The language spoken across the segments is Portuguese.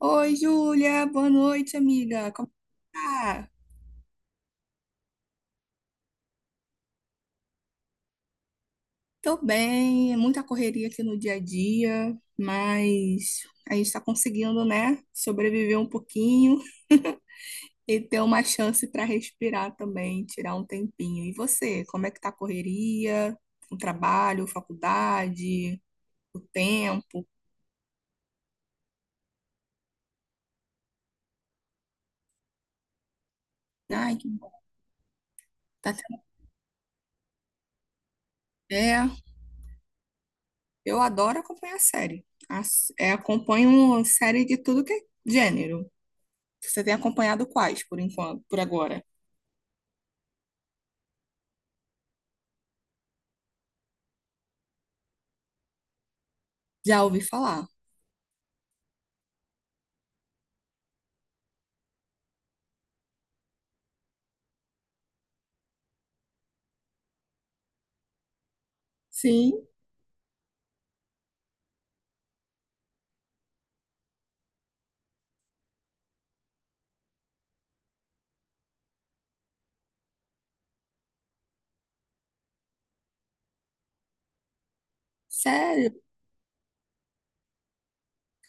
Oi, Júlia, boa noite, amiga. Como tá? Tô bem, é muita correria aqui no dia a dia, mas a gente tá conseguindo, né, sobreviver um pouquinho e ter uma chance para respirar também, tirar um tempinho. E você, como é que tá a correria? O trabalho, faculdade, o tempo? Ai, que bom. Tá tendo... É, eu adoro acompanhar série. É, acompanho série de tudo que é gênero. Você tem acompanhado quais, por enquanto, por agora? Já ouvi falar. Sim, sério?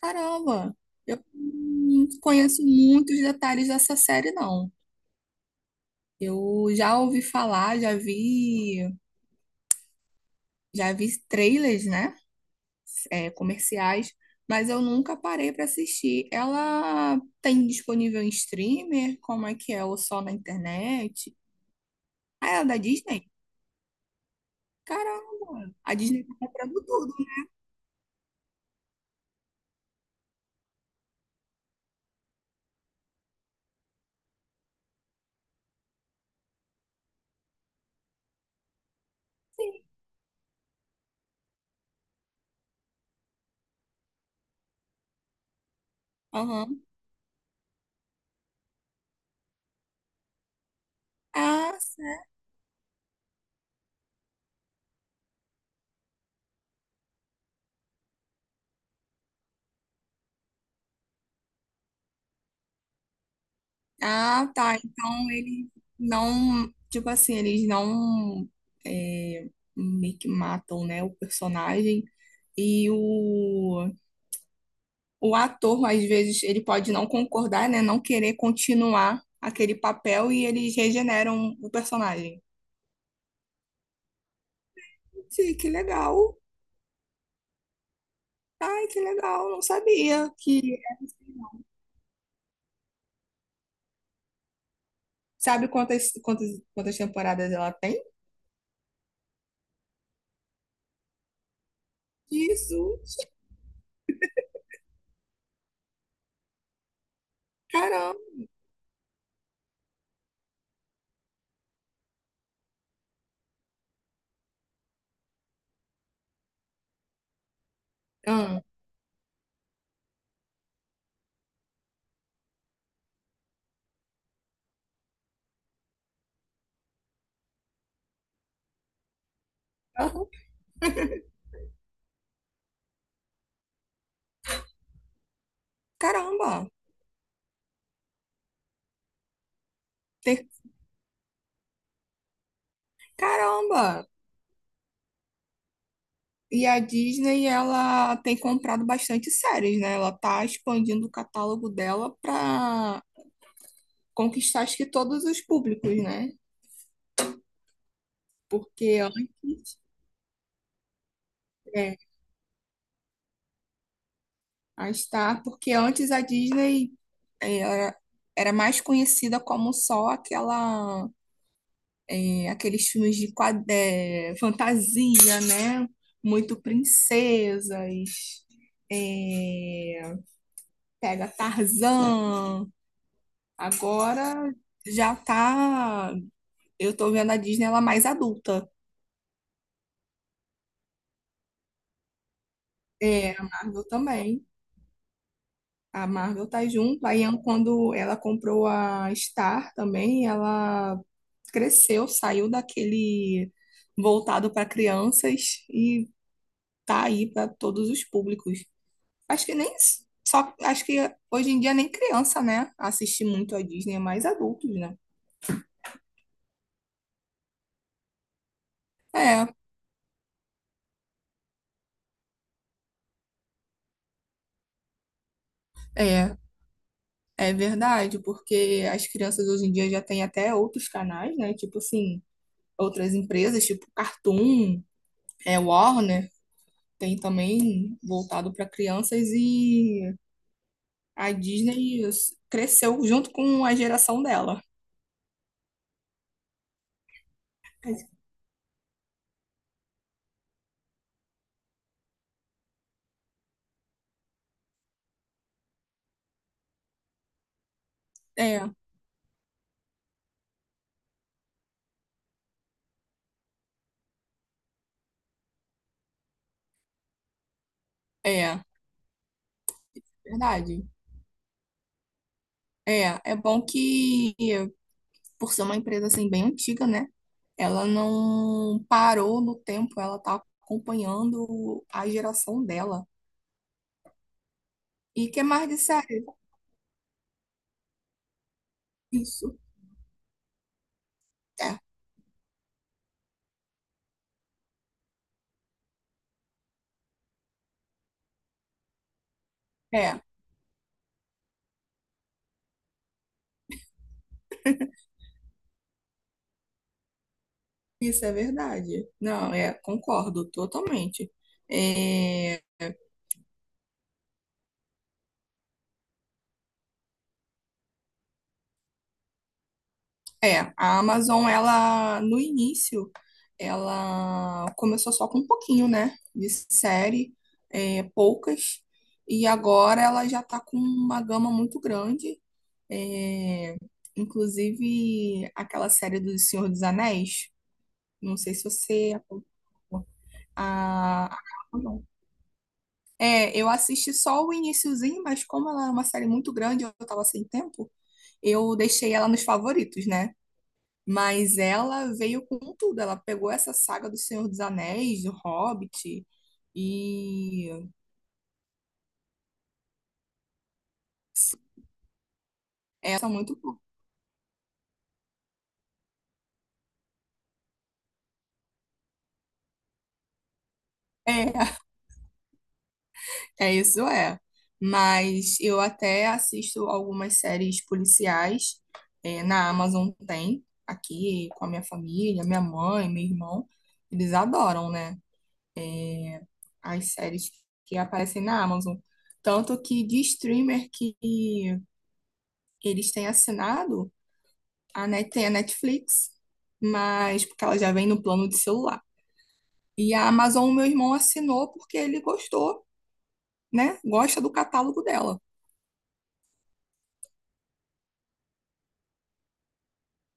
Caramba! Eu não conheço muitos detalhes dessa série, não. Eu já ouvi falar, já vi trailers, né? É, comerciais, mas eu nunca parei para assistir. Ela tem disponível em streamer? Como é que é? Ou só na internet? Ah, ela é da Disney? Caramba! A Disney tá comprando tudo. Aham. Ah, Ah, tá. Então ele não, tipo assim, eles não é, meio que matam, né, o personagem e o ator, às vezes, ele pode não concordar, né, não querer continuar aquele papel e eles regeneram o personagem. Sim, que legal. Ai, que legal. Não sabia que... Sabe quantas, quantas temporadas ela tem? Jesus, caramba. Ah, aham. Caramba. Tem- Caramba. E a Disney, ela tem comprado bastante séries, né? Ela tá expandindo o catálogo dela para conquistar acho que todos os públicos, né? Porque antes, é, a Star, porque antes a Disney é, era, era mais conhecida como só aquela, é, aqueles filmes de quad, é, fantasia, né? Muito princesas, é, pega Tarzan. Agora já tá. Eu tô vendo a Disney ela mais adulta. É, a Marvel também. A Marvel tá junto. Quando ela comprou a Star também, ela cresceu, saiu daquele voltado para crianças e tá aí para todos os públicos. Acho que nem só acho que hoje em dia nem criança, né, assiste muito a Disney, é mais adultos, né? É, é, é verdade, porque as crianças hoje em dia já têm até outros canais, né? Tipo assim, outras empresas, tipo Cartoon, é, Warner, tem também voltado para crianças e a Disney cresceu junto com a geração dela. É, é, verdade. É, é bom que, por ser uma empresa assim bem antiga, né? Ela não parou no tempo, ela tá acompanhando a geração dela. E que mais de série? Isso. É, é. Isso é verdade. Não, é, concordo totalmente. É, é, a Amazon, ela, no início, ela começou só com um pouquinho, né, de série, é, poucas, e agora ela já tá com uma gama muito grande, é, inclusive aquela série do Senhor dos Anéis, não sei se você... acompanhou. A, a, Amazon. É, eu assisti só o iniciozinho, mas como ela é uma série muito grande, eu tava sem tempo, eu deixei ela nos favoritos, né? Mas ela veio com tudo, ela pegou essa saga do Senhor dos Anéis, do Hobbit, e essa é muito boa. É, é isso é. Mas eu até assisto algumas séries policiais, é, na Amazon tem, aqui com a minha família, minha mãe, meu irmão, eles adoram, né? As séries que aparecem na Amazon. Tanto que de streamer que eles têm assinado, a Net, tem a Netflix, mas porque ela já vem no plano de celular. E a Amazon, meu irmão assinou porque ele gostou, né? Gosta do catálogo dela.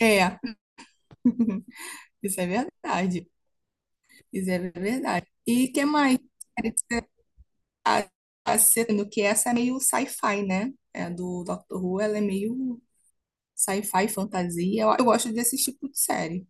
É, isso é verdade. Isso é verdade. E que mais? A, sendo que essa é meio sci-fi, né? É do Doctor Who, ela é meio sci-fi, fantasia. Eu gosto desse tipo de série.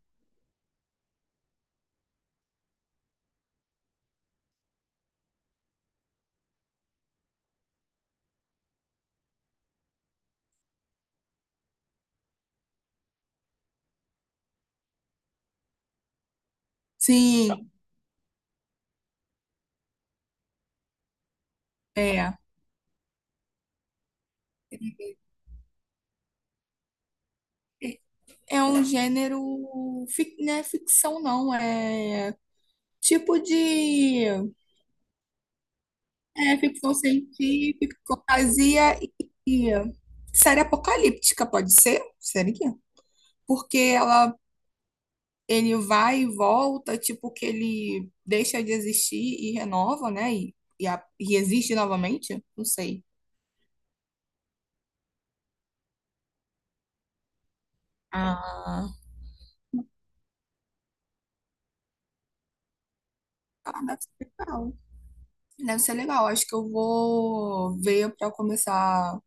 Sim, é. É é um gênero, fic- não é ficção não, é tipo de é, ficção científica, fantasia e série apocalíptica, pode ser? Série que? Porque ela, ele vai e volta, tipo que ele deixa de existir e renova, né? E existe novamente, não sei. Ah, ah, deve ser legal. Deve ser legal. Acho que eu vou ver para começar.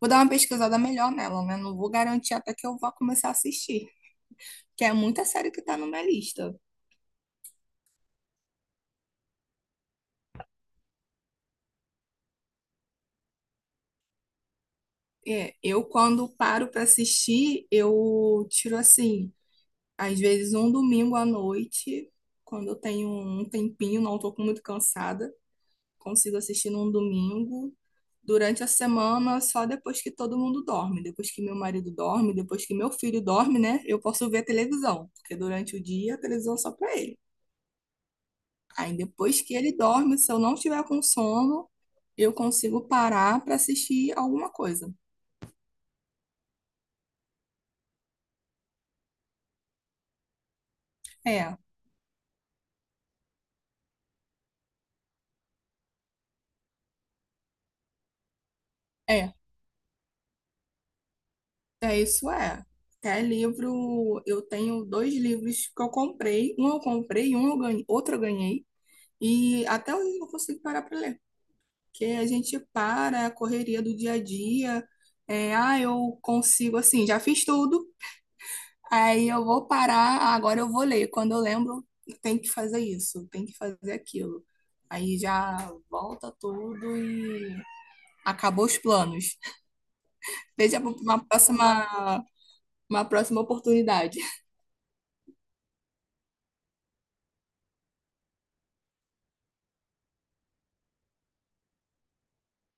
Vou dar uma pesquisada melhor nela, né? Não vou garantir até que eu vá começar a assistir, que é muita série que tá na minha lista. É, eu quando paro para assistir, eu tiro assim, às vezes um domingo à noite, quando eu tenho um tempinho, não tô muito cansada. Consigo assistir num domingo. Durante a semana, só depois que todo mundo dorme, depois que meu marido dorme, depois que meu filho dorme, né? Eu posso ver a televisão, porque durante o dia a televisão é só para ele. Aí depois que ele dorme, se eu não tiver com sono, eu consigo parar para assistir alguma coisa. É, é, é isso é. Até livro, eu tenho dois livros que eu comprei, um eu comprei, um eu ganhei, outro eu ganhei, e até hoje eu não consigo parar para ler. Que a gente para é a correria do dia a dia. É, ah, eu consigo, assim, já fiz tudo, aí eu vou parar, agora eu vou ler. Quando eu lembro, tem que fazer isso, tem que fazer aquilo. Aí já volta tudo e acabou os planos. Veja uma próxima oportunidade.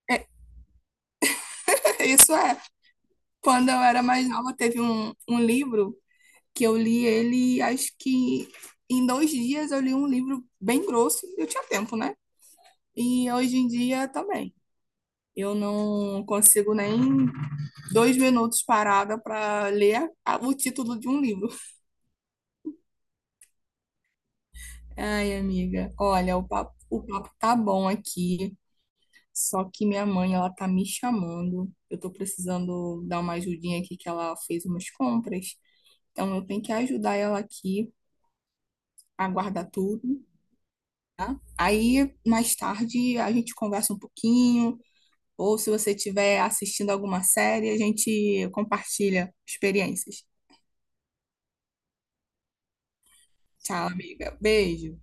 Isso é. Quando eu era mais nova, teve um livro que eu li ele, acho que em 2 dias eu li um livro bem grosso. Eu tinha tempo, né? E hoje em dia também. Eu não consigo nem 2 minutos parada para ler o título de um livro. Ai, amiga, olha, o papo tá bom aqui, só que minha mãe, ela tá me chamando. Eu tô precisando dar uma ajudinha aqui, que ela fez umas compras. Então, eu tenho que ajudar ela aqui a guardar tudo, tá? Aí, mais tarde, a gente conversa um pouquinho, ou se você estiver assistindo alguma série, a gente compartilha experiências. Tchau, amiga. Beijo.